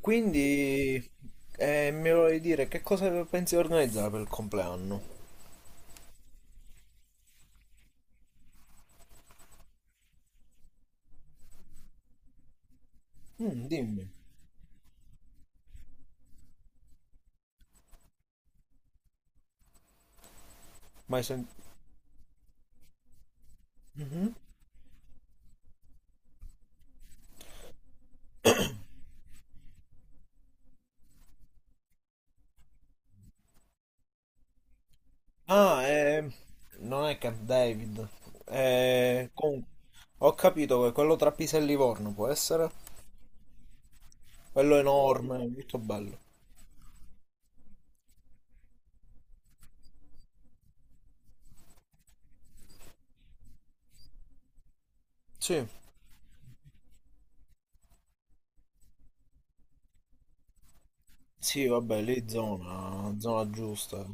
Quindi mi volevi dire che cosa pensi di organizzare per il compleanno? Mm, dimmi. Mai sen- Mhm. Ah, non è Camp David. Con- Ho capito che quello tra Pisa e Livorno può essere. Quello enorme, molto bello. Sì, sì, vabbè, lì zona, zona giusta.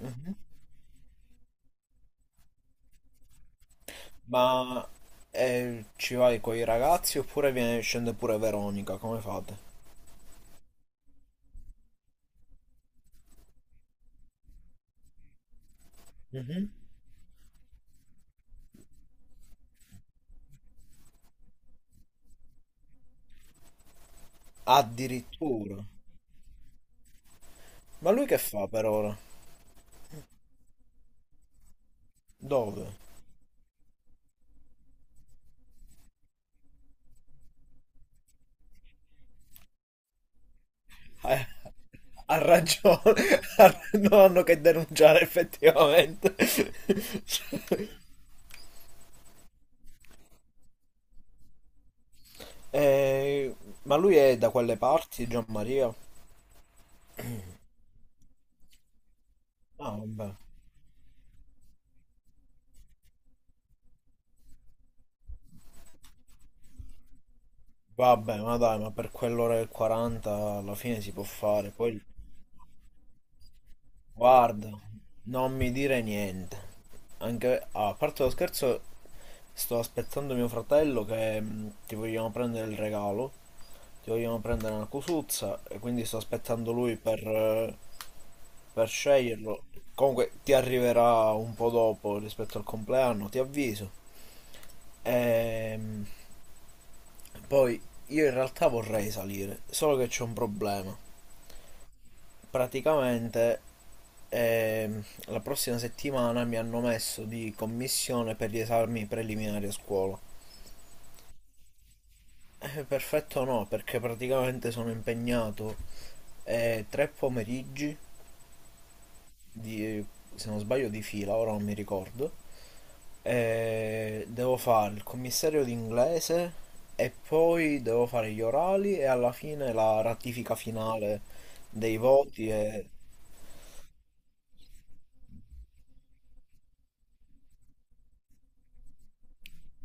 Mhm. Ma ci vai con i ragazzi oppure viene- scende pure Veronica? Come fate? Mhm. Addirittura. Ma lui che fa per ora? Dove? Eh, Ha ragione, ha- non hanno che denunciare effettivamente. Cioè, eh, ma lui è da quelle parti, Gianmaria? Ah, vabbè. Vabbè, ma dai, ma per quell'ora e 40 alla fine si può fare. Poi guarda, non mi dire niente. Anche ah, a parte lo scherzo, sto aspettando mio fratello che ti vogliamo prendere il regalo. Ti vogliamo prendere una cosuzza e quindi sto aspettando lui per sceglierlo. Comunque ti arriverà un po' dopo rispetto al compleanno, ti avviso. Ehm, Poi io in realtà vorrei salire, solo che c'è un problema. Praticamente ehm, la prossima settimana mi hanno messo di commissione per gli esami preliminari a scuola. Perfetto no, perché praticamente sono impegnato tre pomeriggi di, se non sbaglio di fila, ora non mi ricordo. Devo fare il commissario d'inglese e poi devo fare gli orali e alla fine la ratifica finale dei voti e...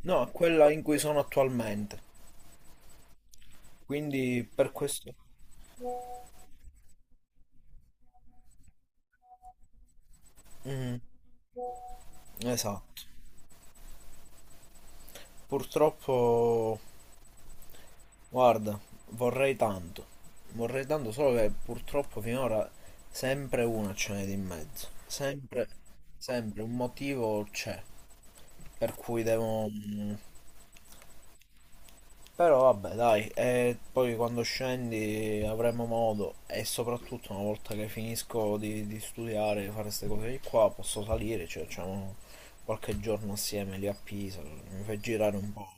No, quella in cui sono attualmente. Quindi per questo... Mm, esatto. Purtroppo, guarda, vorrei tanto. Vorrei tanto, solo che purtroppo finora sempre una ce n'è di mezzo. Sempre, sempre un motivo c'è per cui devo... mm, però vabbè, dai, e poi quando scendi avremo modo e soprattutto una volta che finisco di studiare, di fare queste cose di qua, posso salire, cioè facciamo qualche giorno assieme lì a Pisa, mi fai girare un po'.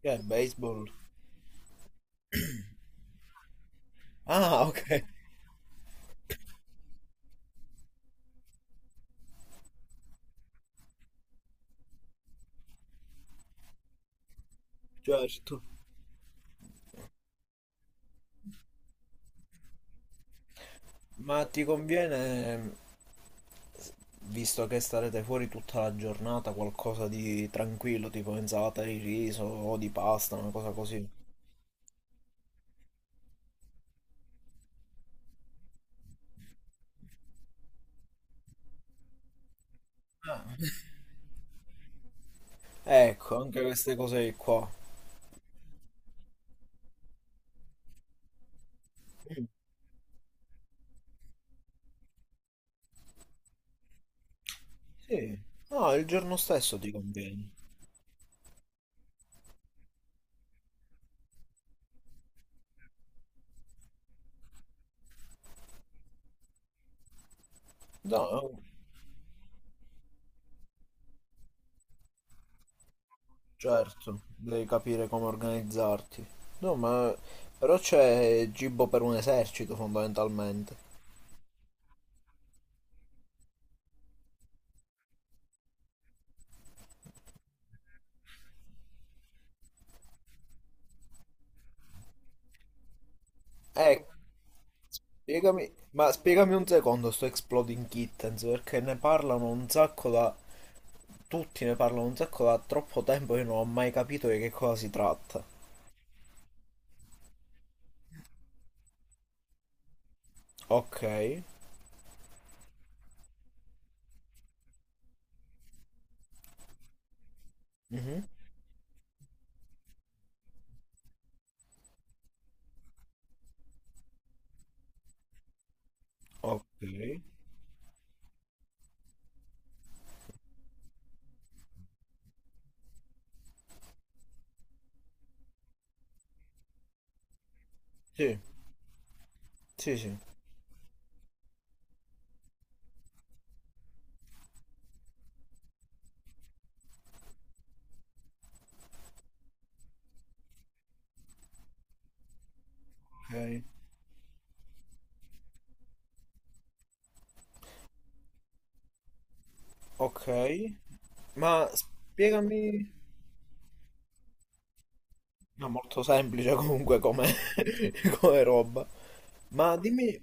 Che è baseball? Ah, ok, certo. Ma ti conviene, visto che starete fuori tutta la giornata, qualcosa di tranquillo, tipo insalata di riso o di pasta, una cosa così? Ah. Ecco, anche queste cose qua. Mm, sì, no, il giorno stesso ti conviene. No, certo, devi capire come organizzarti. No, ma però c'è cibo per un esercito fondamentalmente. Ecco, spiegami, ma spiegami un secondo sto Exploding Kittens perché ne parlano un sacco da tutti ne parlano un sacco da troppo tempo, io non ho mai capito di che cosa si tratta. Ok. Mhm. Ok. Sì, sì, sì. Ok, ok. Ma spiegami, no, molto semplice comunque come, come roba. Ma dimmi,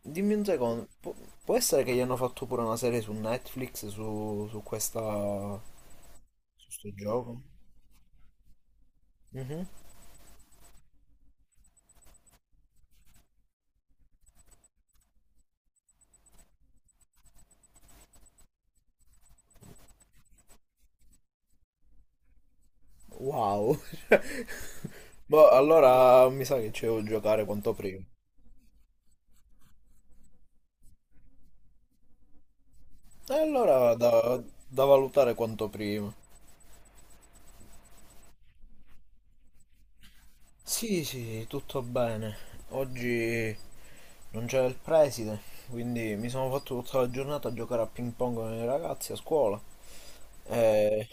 dimmi un secondo, pu- può essere che gli hanno fatto pure una serie su Netflix su questa, su sto gioco? Mhm. Wow. Boh, allora mi sa che ci devo giocare quanto prima. E allora da, da valutare quanto prima. Sì, sì, tutto bene. Oggi non c'era il preside, quindi mi sono fatto tutta la giornata a giocare a ping pong con i ragazzi a scuola. E...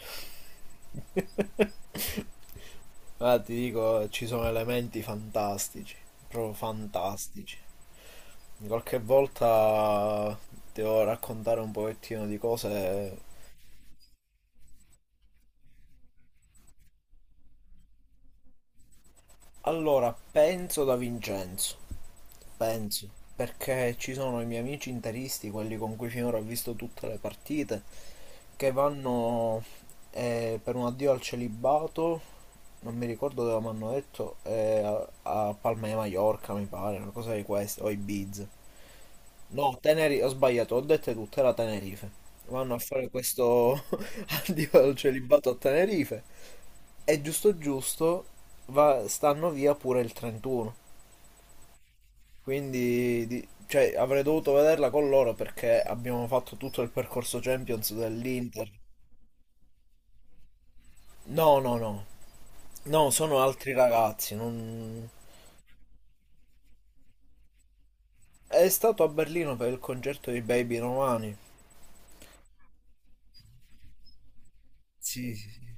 Ma ti dico, ci sono elementi fantastici, proprio fantastici. Qualche volta devo raccontare un pochettino di cose. Allora, penso da Vincenzo. Penso, perché ci sono i miei amici interisti, quelli con cui finora ho visto tutte le partite, che vanno per un addio al celibato, non mi ricordo dove mi hanno detto, a Palma di Mallorca mi pare, una cosa di queste, o Ibiza. No, Tenerife, ho sbagliato, ho detto tutte, era Tenerife. Vanno a fare questo addio al celibato a Tenerife. E giusto giusto va- stanno via pure il 31. Quindi di- cioè, avrei dovuto vederla con loro perché abbiamo fatto tutto il percorso Champions dell'Inter. No, no, no. No, sono altri ragazzi. Non- è stato a Berlino per il concerto di Baby Romani. Sì, sì, sì.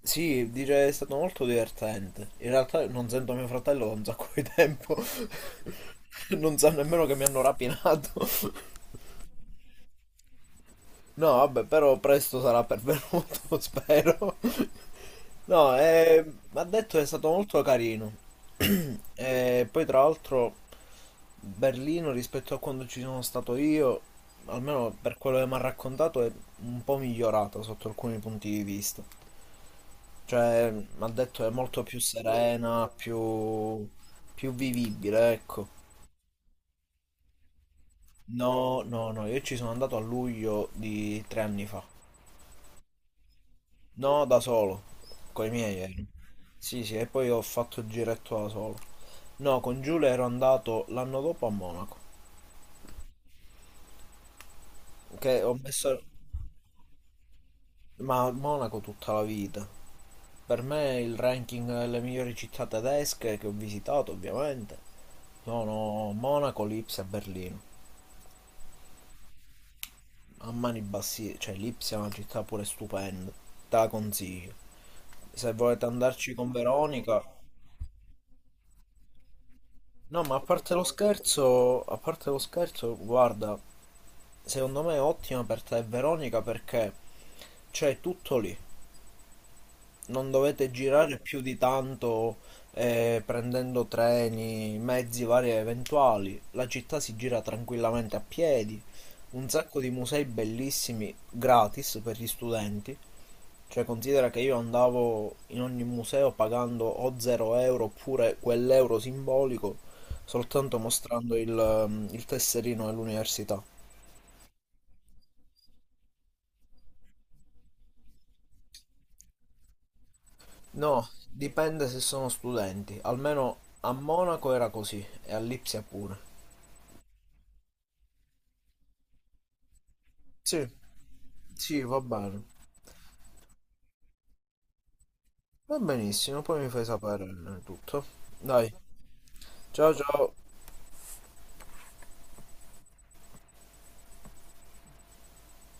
Sì, dice è stato molto divertente. In realtà non sento mio fratello da un sacco di tempo. Non sa nemmeno che mi hanno rapinato. No, vabbè, però presto sarà pervenuto, spero. No, ha detto che è stato molto carino. E poi tra l'altro Berlino rispetto a quando ci sono stato io, almeno per quello che mi ha raccontato, è un po' migliorata sotto alcuni punti di vista. Cioè, mi ha detto che è molto più serena, più, più vivibile, ecco. No, no, no, io ci sono andato a luglio di 3 anni fa. No, da solo, con i miei ero. Sì, sì, e poi ho fatto il giretto da solo. No, con Giulia ero andato l'anno dopo a Monaco, che ho messo... Ma a Monaco tutta la vita. Per me il ranking delle migliori città tedesche che ho visitato, ovviamente, sono Monaco, Lipsia e Berlino. A mani bassine, cioè Lipsia è una città pure stupenda, te la consiglio. Se volete andarci con Veronica... No, ma a parte lo scherzo, a parte lo scherzo, guarda, secondo me è ottima per te, e Veronica, perché c'è tutto lì. Non dovete girare più di tanto prendendo treni, mezzi vari e eventuali. La città si gira tranquillamente a piedi. Un sacco di musei bellissimi gratis per gli studenti. Cioè, considera che io andavo in ogni museo pagando o 0 euro oppure quell'euro simbolico soltanto mostrando il tesserino dell'università. No, dipende se sono studenti. Almeno a Monaco era così e a Lipsia pure. Sì, sì, va bene. Va benissimo, poi mi fai sapere tutto. Dai, ciao ciao.